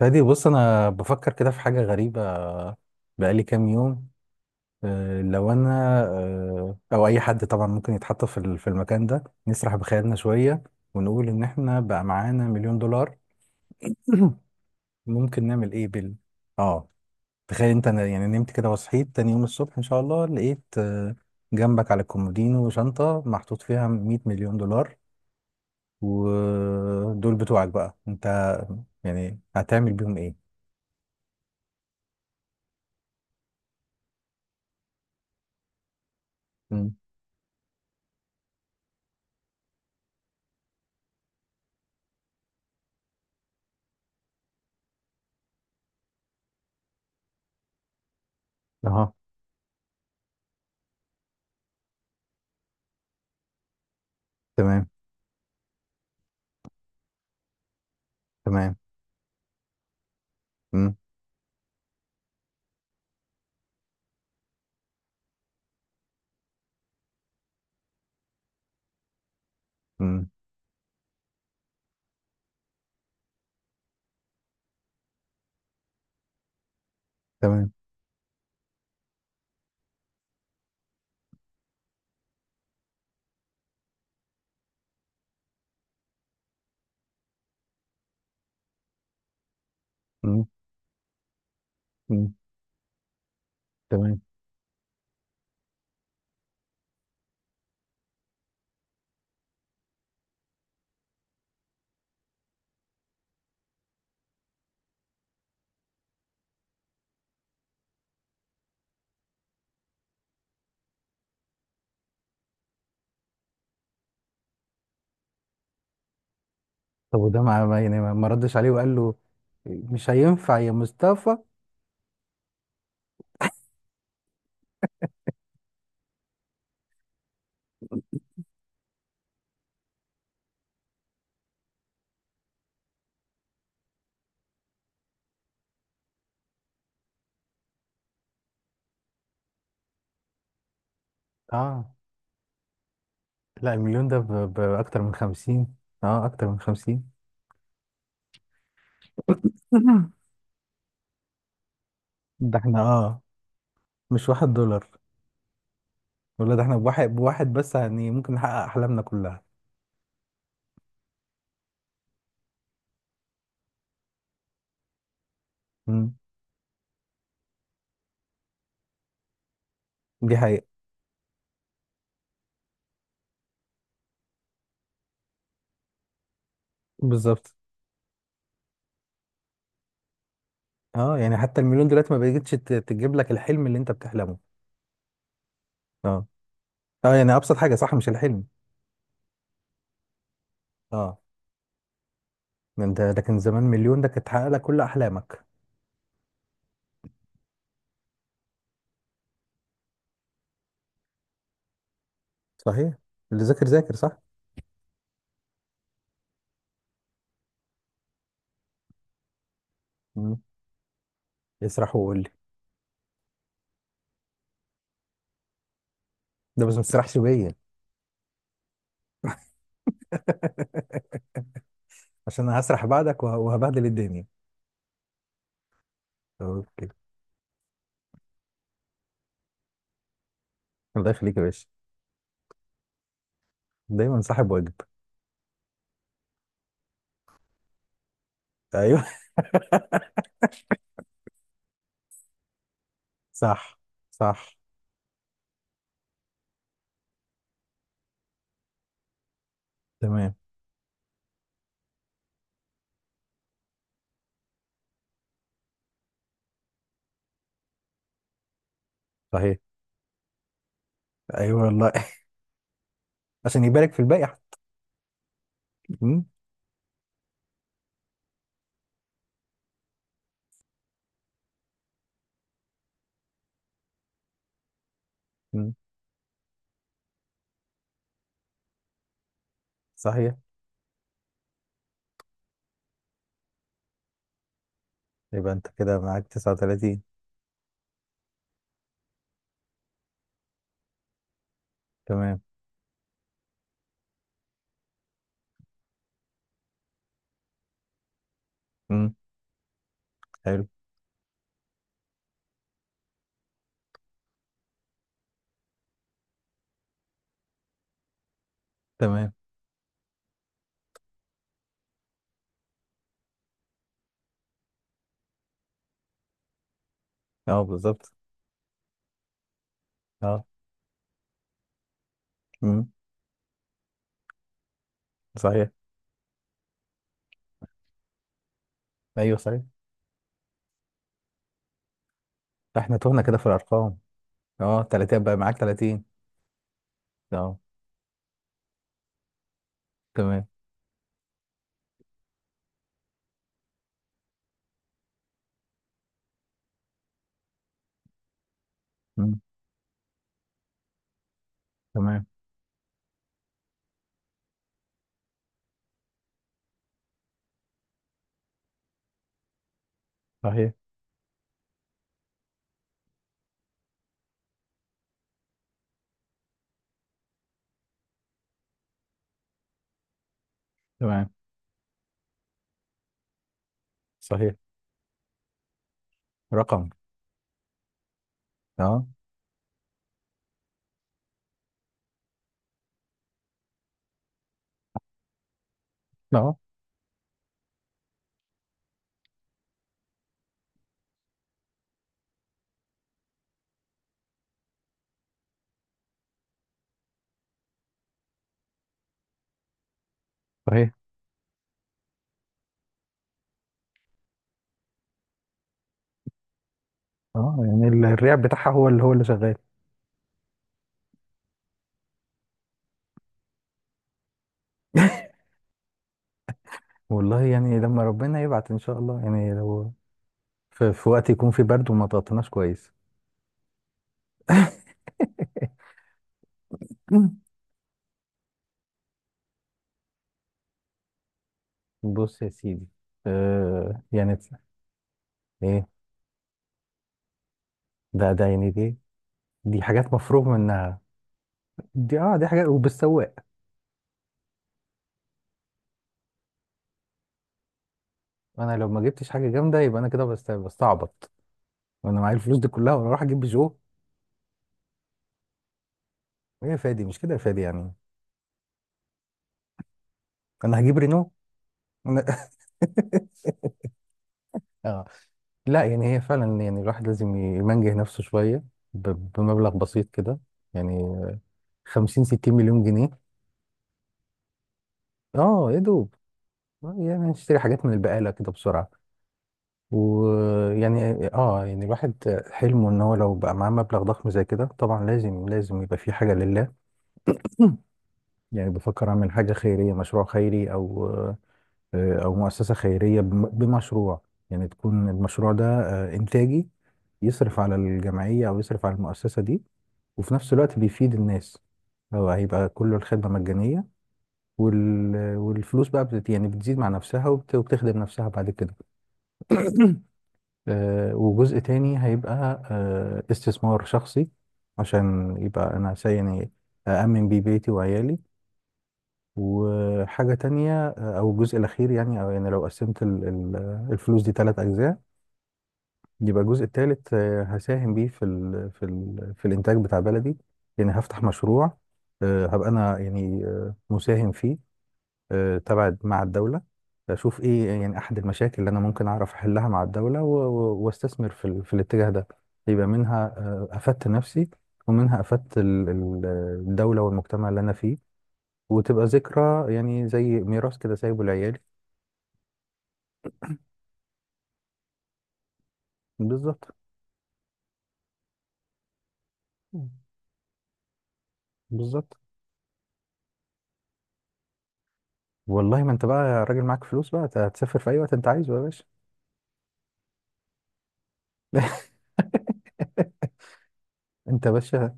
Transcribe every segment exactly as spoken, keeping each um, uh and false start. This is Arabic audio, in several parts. فادي، بص انا بفكر كده في حاجه غريبه. بقالي كام يوم. آه، لو انا آه، او اي حد طبعا ممكن يتحط في ال- في المكان ده. نسرح بخيالنا شويه ونقول ان احنا بقى معانا مليون دولار. ممكن نعمل ايه بال اه تخيل انت أنا، يعني نمت كده وصحيت تاني يوم الصبح ان شاء الله لقيت، آه، جنبك على الكومودينو شنطه محطوط فيها مية مليون دولار. ودول بتوعك بقى انت، يعني هتعمل بيهم ايه؟ مم. اها. تمام. تمام. مم. مم. تمام. مم. مم. تمام. طب وده ما ما- يعني ما ما ردش عليه وقال له مش هينفع يا مصطفى؟ اه. لا، المليون ده ب- بأكتر من خمسين. اه، أكتر من خمسين. ده احنا، اه، مش واحد دولار. ولا ده احنا بواحد بواحد بس، يعني ممكن نحقق أحلامنا كلها. مم. دي حقيقة. بالظبط. اه يعني حتى المليون دلوقتي ما بقتش ت- تجيب لك الحلم اللي انت بتحلمه. اه. اه يعني أبسط حاجة، صح، مش الحلم. اه، انت لكن زمان مليون ده كانت تحقق لك كل احلامك. صحيح، اللي ذاكر ذاكر صح. مم. اسرح وقول لي. ده بس ما تسرحش بيا. عشان انا هسرح بعدك وه- وهبهدل الدنيا. اوكي. الله يخليك يا باشا. دايما صاحب واجب. ايوه. صح، صح. تمام. صحيح. ايوه والله. عشان يبارك في الباقي حتى. مم. مم. صحيح. يبقى انت كده معاك تسعة وتلاتين. تمام. مم. حلو. تمام. اه، بالظبط. اه. مم. صحيح. ايوه، صحيح. احنا تهنا كده في الارقام. اه، تلاتين. بقى معاك تلاتين. اه. تمام. مم. تمام. صحيح. تمام. صحيح. رقم. اه. اه، صحيح. اه يعني ال- الرياح بتاعها هو اللي، هو اللي شغال. والله يعني لما ربنا يبعت ان شاء الله، يعني لو في, في وقت يكون في برد وما تغطيناش كويس. بص يا سيدي، آه يعني ايه ده ده يعني دي دي حاجات مفروغ منها. دي، اه، دي حاجات، وبالسواق. انا لو ما جبتش حاجه جامده يبقى انا كده بست- بستعبط. وانا معايا الفلوس دي كلها وانا اروح اجيب جو؟ ايه يا فادي، مش كده يا فادي يعني. انا هجيب رينو. أنا... اه، لا، يعني هي فعلا يعني الواحد لازم يمنجه نفسه شويه ب... بمبلغ بسيط كده، يعني خمسين ستين مليون جنيه. اه يا دوب. آه، يعني نشتري حاجات من البقاله كده بسرعه. ويعني، اه، يعني الواحد حلمه ان هو لو بقى معاه مبلغ ضخم زي كده طبعا لازم، لازم يبقى في حاجه لله. يعني بفكر اعمل حاجه خيريه، مشروع خيري، او آه، او مؤسسه خيريه بم- بمشروع. يعني تكون المشروع ده، آه، انتاجي، يصرف على الجمعيه او يصرف على المؤسسه دي، وفي نفس الوقت بيفيد الناس. هو هيبقى كله الخدمه مجانيه، وال... والفلوس بقى بت... يعني بتزيد مع نفسها وبت... وبتخدم نفسها بعد كده. آه، وجزء تاني هيبقى آه، استثمار شخصي، عشان يبقى انا سا- يعني أأمن بيه بيتي وعيالي. وحاجة تانية، آه، أو الجزء الأخير، يعني أو يعني لو قسمت ال- ال- الفلوس دي تلات أجزاء، يبقى الجزء التالت، آه، هساهم بيه في ال في ال في الإنتاج بتاع بلدي. يعني هفتح مشروع، آه، هبقى أنا يعني، آه، مساهم فيه، آه، تبع مع الدولة. أشوف إيه يعني أحد المشاكل اللي أنا ممكن أعرف أحلها مع الدولة و- و- وأستثمر في ال- في الاتجاه ده. يبقى منها، آه، أفدت نفسي، ومنها أفدت ال- ال- الدولة والمجتمع اللي أنا فيه، وتبقى ذكرى يعني زي ميراث كده سايبه لعيالي. بالظبط. مم. بالظبط. والله ما انت بقى راجل معاك فلوس بقى، ت- هتسافر في اي وقت انت عايزه يا باشا. انت باشا.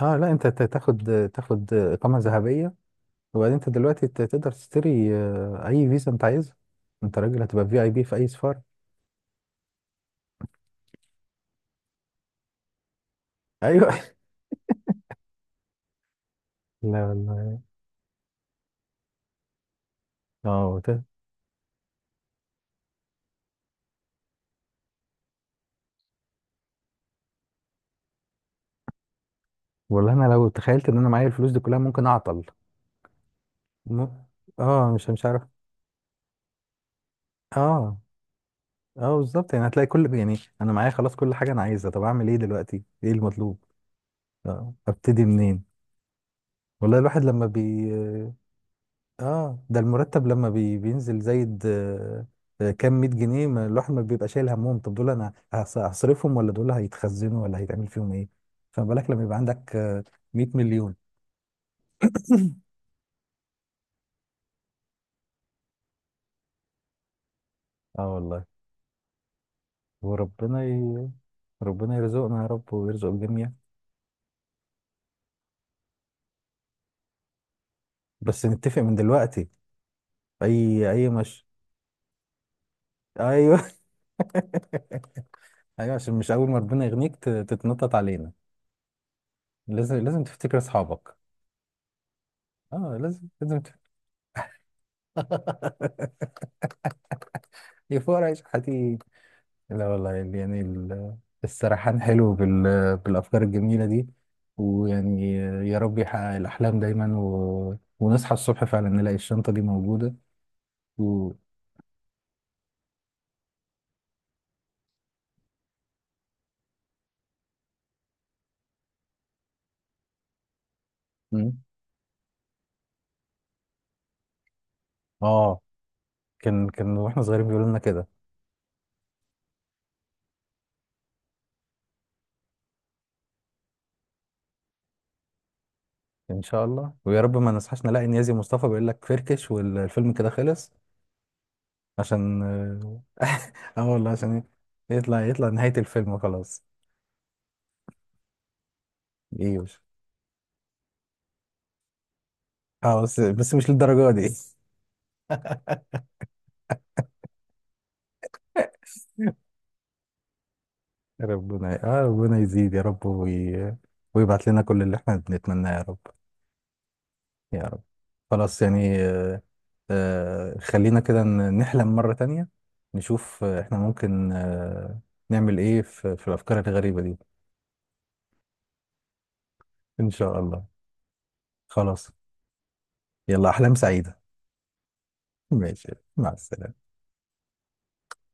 اه، لا انت ت- تاخد، تاخد اقامه ذهبيه. وبعدين انت دلوقتي ت- تقدر تشتري آه، اي فيزا انت عايزها. انت راجل هتبقى في اي بي في اي سفاره. ايوه. لا والله. اه وت- والله انا لو تخيلت ان انا معايا الفلوس دي كلها ممكن اعطل. م... اه، مش مش عارف. اه. اه بالظبط، يعني هتلاقي كل، يعني انا معايا خلاص كل حاجه انا عايزها، طب اعمل ايه دلوقتي؟ ايه المطلوب؟ آه، ابتدي منين؟ والله الواحد لما بي اه ده المرتب لما بي... بينزل زايد آه، آه، كام مية جنيه، ما الواحد ما بيبقى شايل همهم؟ طب دول انا هص- هصرفهم ولا دول هيتخزنوا ولا هيتعمل فيهم ايه؟ فما بالك لما يبقى عندك، آه، مئة مليون. اه والله. وربنا ي... ربنا يرزقنا يا رب ويرزق الجميع. بس نتفق من دلوقتي اي اي مش ايوه. ايوه، عشان مش اول ما ربنا يغنيك ت- تتنطط علينا. لازم، لازم تفتكر اصحابك. اه لازم لازم تف... يا فقرا يا شحاتين. لا والله، يعني ال- السرحان حلو بال... بالافكار الجميله دي. ويعني يا رب يحقق الاحلام دايما، و... ونصحى الصبح فعلا نلاقي الشنطه دي موجوده. و... م? اه، كان كان واحنا صغيرين بيقولوا لنا كده. ان شاء الله، ويا رب ما نصحاش نلاقي نيازي مصطفى بيقول لك فركش والفيلم كده خلص. عشان اه آه والله عشان يطلع، يطلع نهاية الفيلم وخلاص. ايوه. اه بس، بس مش للدرجة دي. ربنا، اه، ربنا يزيد يا رب وي... ويبعت لنا كل اللي احنا بنتمناه يا رب. يا رب. خلاص، يعني آه آه خلينا كده ن- نحلم مرة تانية، نشوف آه، احنا ممكن آه نعمل ايه في, في الافكار الغريبة دي. ان شاء الله. خلاص. يلا، احلام سعيدة. ماشي. مع السلامة.